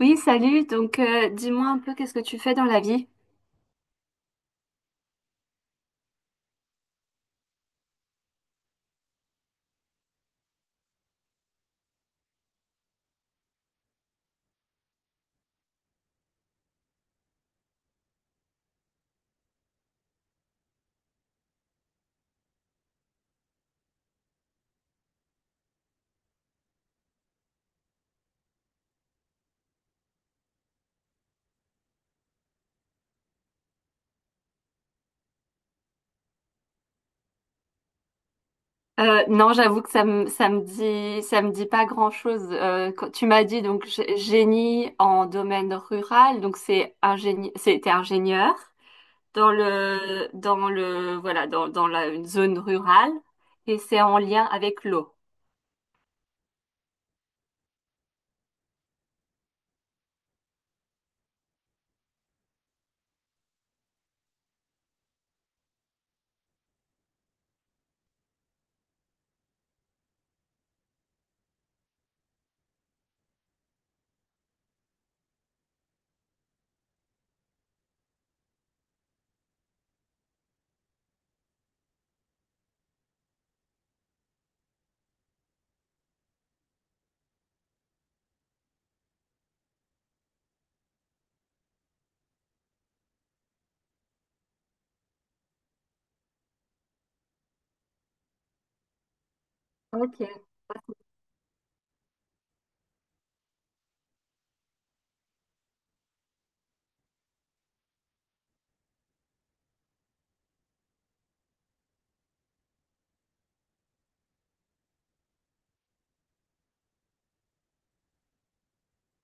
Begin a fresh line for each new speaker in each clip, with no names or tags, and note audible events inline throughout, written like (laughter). Oui, salut. Donc, dis-moi un peu qu'est-ce que tu fais dans la vie? Non, j'avoue que ça me dit pas grand-chose. Quand tu m'as dit donc génie en domaine rural, donc c'était ingénieur dans le voilà dans dans la une zone rurale et c'est en lien avec l'eau. Ok.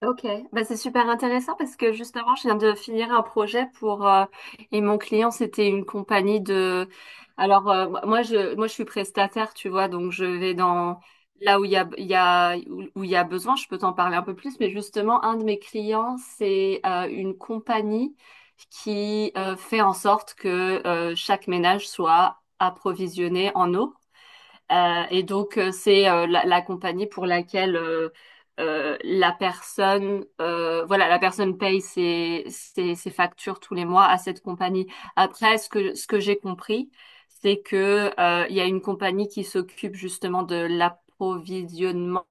Ok, bah, c'est super intéressant parce que justement, je viens de finir un projet pour et mon client, c'était une compagnie de. Alors moi, je suis prestataire, tu vois, donc je vais dans là où il y a où il y a besoin. Je peux t'en parler un peu plus, mais justement, un de mes clients, c'est une compagnie qui fait en sorte que chaque ménage soit approvisionné en eau. Et donc, c'est la compagnie pour laquelle la personne, voilà, la personne paye ses factures tous les mois à cette compagnie. Après, ce que j'ai compris, c'est que il y a une compagnie qui s'occupe justement de l'approvisionnement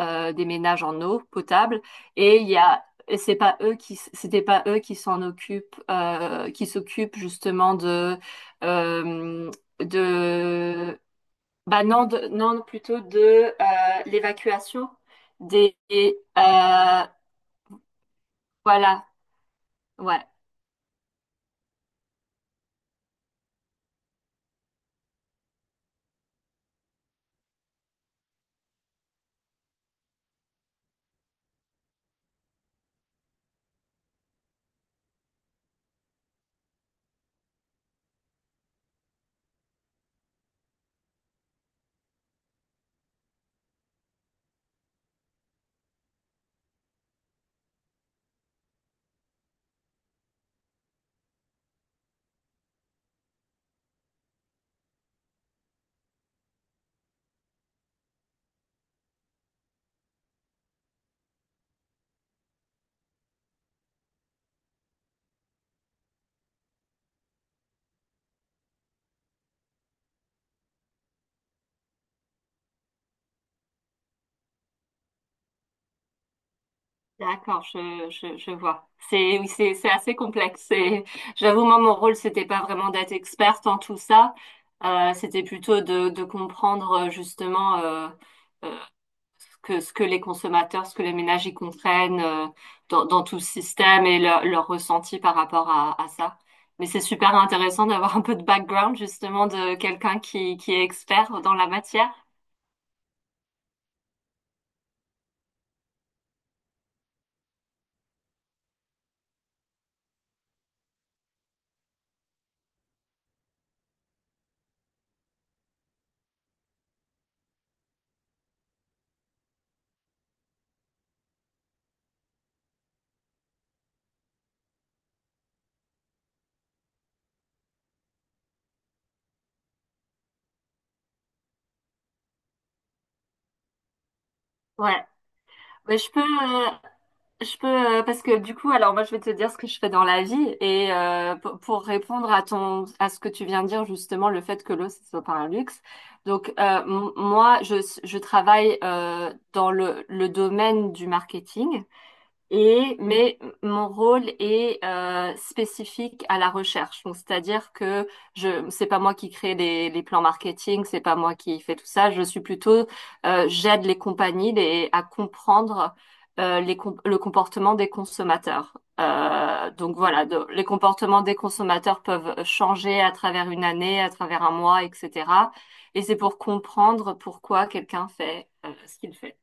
des ménages en eau potable, et il y a et c'est pas eux c'était pas eux qui s'en occupent, qui s'occupent justement de euh, de bah non, non plutôt de l'évacuation des... des, euh, voilà, ouais, d'accord, je vois. C'est, oui, c'est assez complexe. J'avoue, moi, mon rôle, c'était pas vraiment d'être experte en tout ça. C'était plutôt de comprendre justement... ce que les consommateurs, ce que les ménages y comprennent dans, dans tout le système et leur ressenti par rapport à ça. Mais c'est super intéressant d'avoir un peu de background justement de quelqu'un qui est expert dans la matière. Ouais, mais je peux parce que du coup, alors moi je vais te dire ce que je fais dans la vie et pour répondre à ton à ce que tu viens de dire justement le fait que l'eau ce soit pas un luxe. Donc moi je travaille dans le domaine du marketing. Et, mais mon rôle est spécifique à la recherche. Donc, c'est-à-dire que je, c'est pas moi qui crée les plans marketing, c'est pas moi qui fais tout ça. Je suis plutôt, j'aide les compagnies à comprendre le comportement des consommateurs. Donc voilà, les comportements des consommateurs peuvent changer à travers une année, à travers un mois, etc. Et c'est pour comprendre pourquoi quelqu'un fait ce qu'il fait.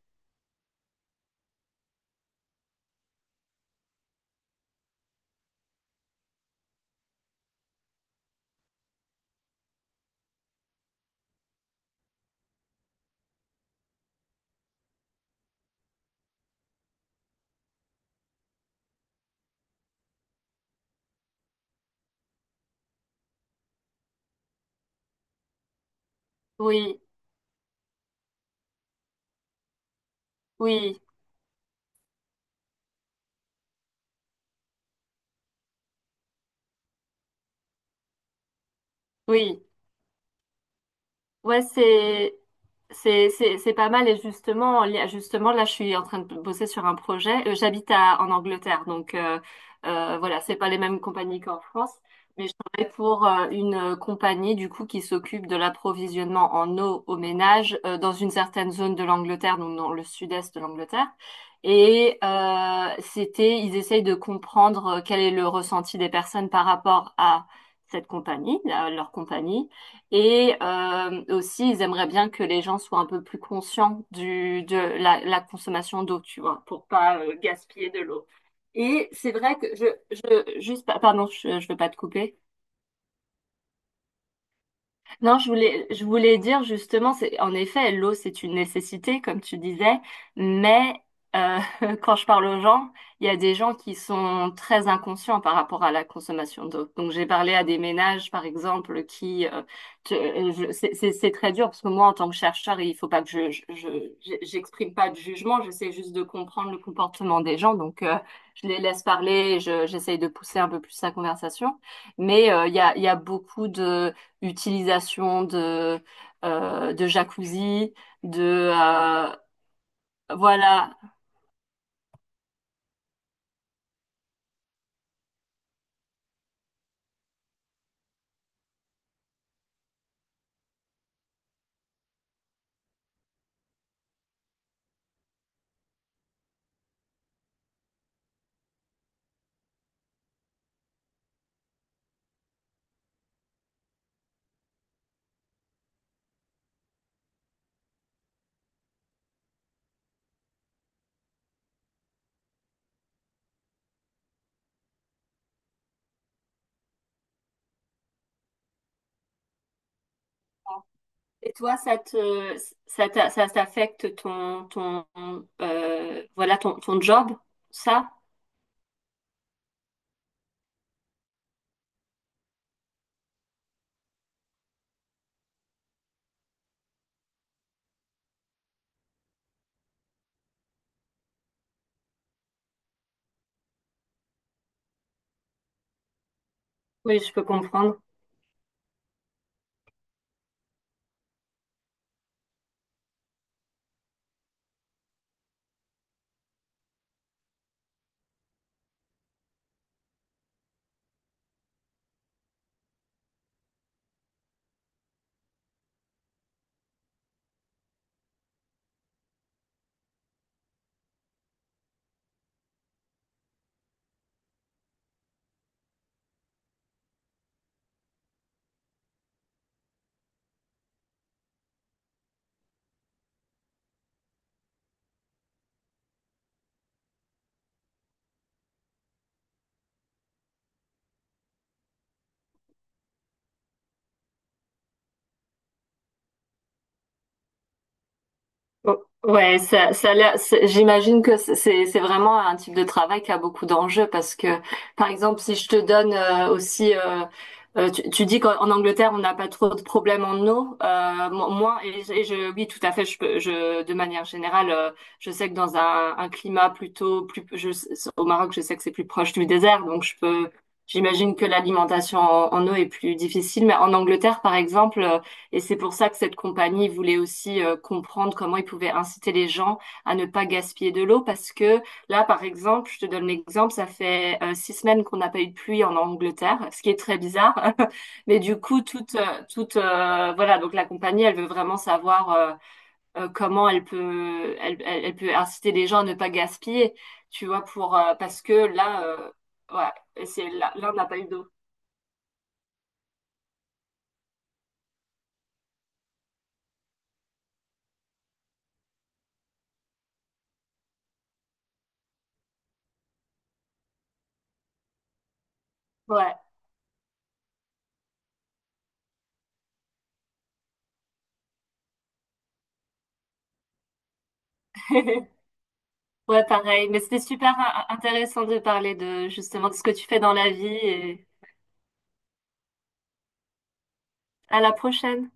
Oui, oui, oui. Ouais, c'est pas mal et justement justement là je suis en train de bosser sur un projet. J'habite à en Angleterre donc voilà c'est pas les mêmes compagnies qu'en France, mais je travaille pour une compagnie du coup qui s'occupe de l'approvisionnement en eau aux ménages dans une certaine zone de l'Angleterre, donc dans le sud-est de l'Angleterre et c'était ils essayent de comprendre quel est le ressenti des personnes par rapport à cette compagnie, à leur compagnie et aussi, ils aimeraient bien que les gens soient un peu plus conscients du, de la, la consommation d'eau, tu vois, pour pas gaspiller de l'eau. Et c'est vrai que je juste, pardon, je veux pas te couper. Non, je voulais dire justement, c'est, en effet, l'eau, c'est une nécessité, comme tu disais, mais euh, (laughs) quand je parle aux gens, il y a des gens qui sont très inconscients par rapport à la consommation d'eau. Donc, j'ai parlé à des ménages, par exemple, qui, c'est c'est très dur parce que moi, en tant que chercheur, il faut pas que j'exprime pas de jugement, j'essaie juste de comprendre le comportement des gens. Donc, je les laisse parler, et j'essaye de pousser un peu plus la conversation, mais il y a beaucoup de utilisation de jacuzzi, de... euh, voilà. Et toi, ça te, ça t'affecte ton, ton, ton job, ça? Oui, je peux comprendre. Oh, ouais, ça, j'imagine que c'est vraiment un type de travail qui a beaucoup d'enjeux parce que, par exemple, si je te donne tu, tu dis qu'en en Angleterre on n'a pas trop de problèmes en eau, mo- moi et je- oui, tout à fait, je, peux- je de manière générale, je sais que dans un climat plutôt plus, au Maroc, je sais que c'est plus proche du désert, donc je peux, j'imagine que l'alimentation en, en eau est plus difficile, mais en Angleterre, par exemple. Et c'est pour ça que cette compagnie voulait aussi comprendre comment ils pouvaient inciter les gens à ne pas gaspiller de l'eau parce que là, par exemple, je te donne l'exemple, ça fait 6 semaines qu'on n'a pas eu de pluie en Angleterre, ce qui est très bizarre. (laughs) Mais du coup, voilà, donc la compagnie, elle veut vraiment savoir comment elle peut, elle peut inciter les gens à ne pas gaspiller, tu vois, pour parce que là, ouais, c'est là, là, on n'a pas eu d'eau. Ouais. (laughs) Ouais, pareil. Mais c'était super intéressant de parler de justement de ce que tu fais dans la vie et à la prochaine.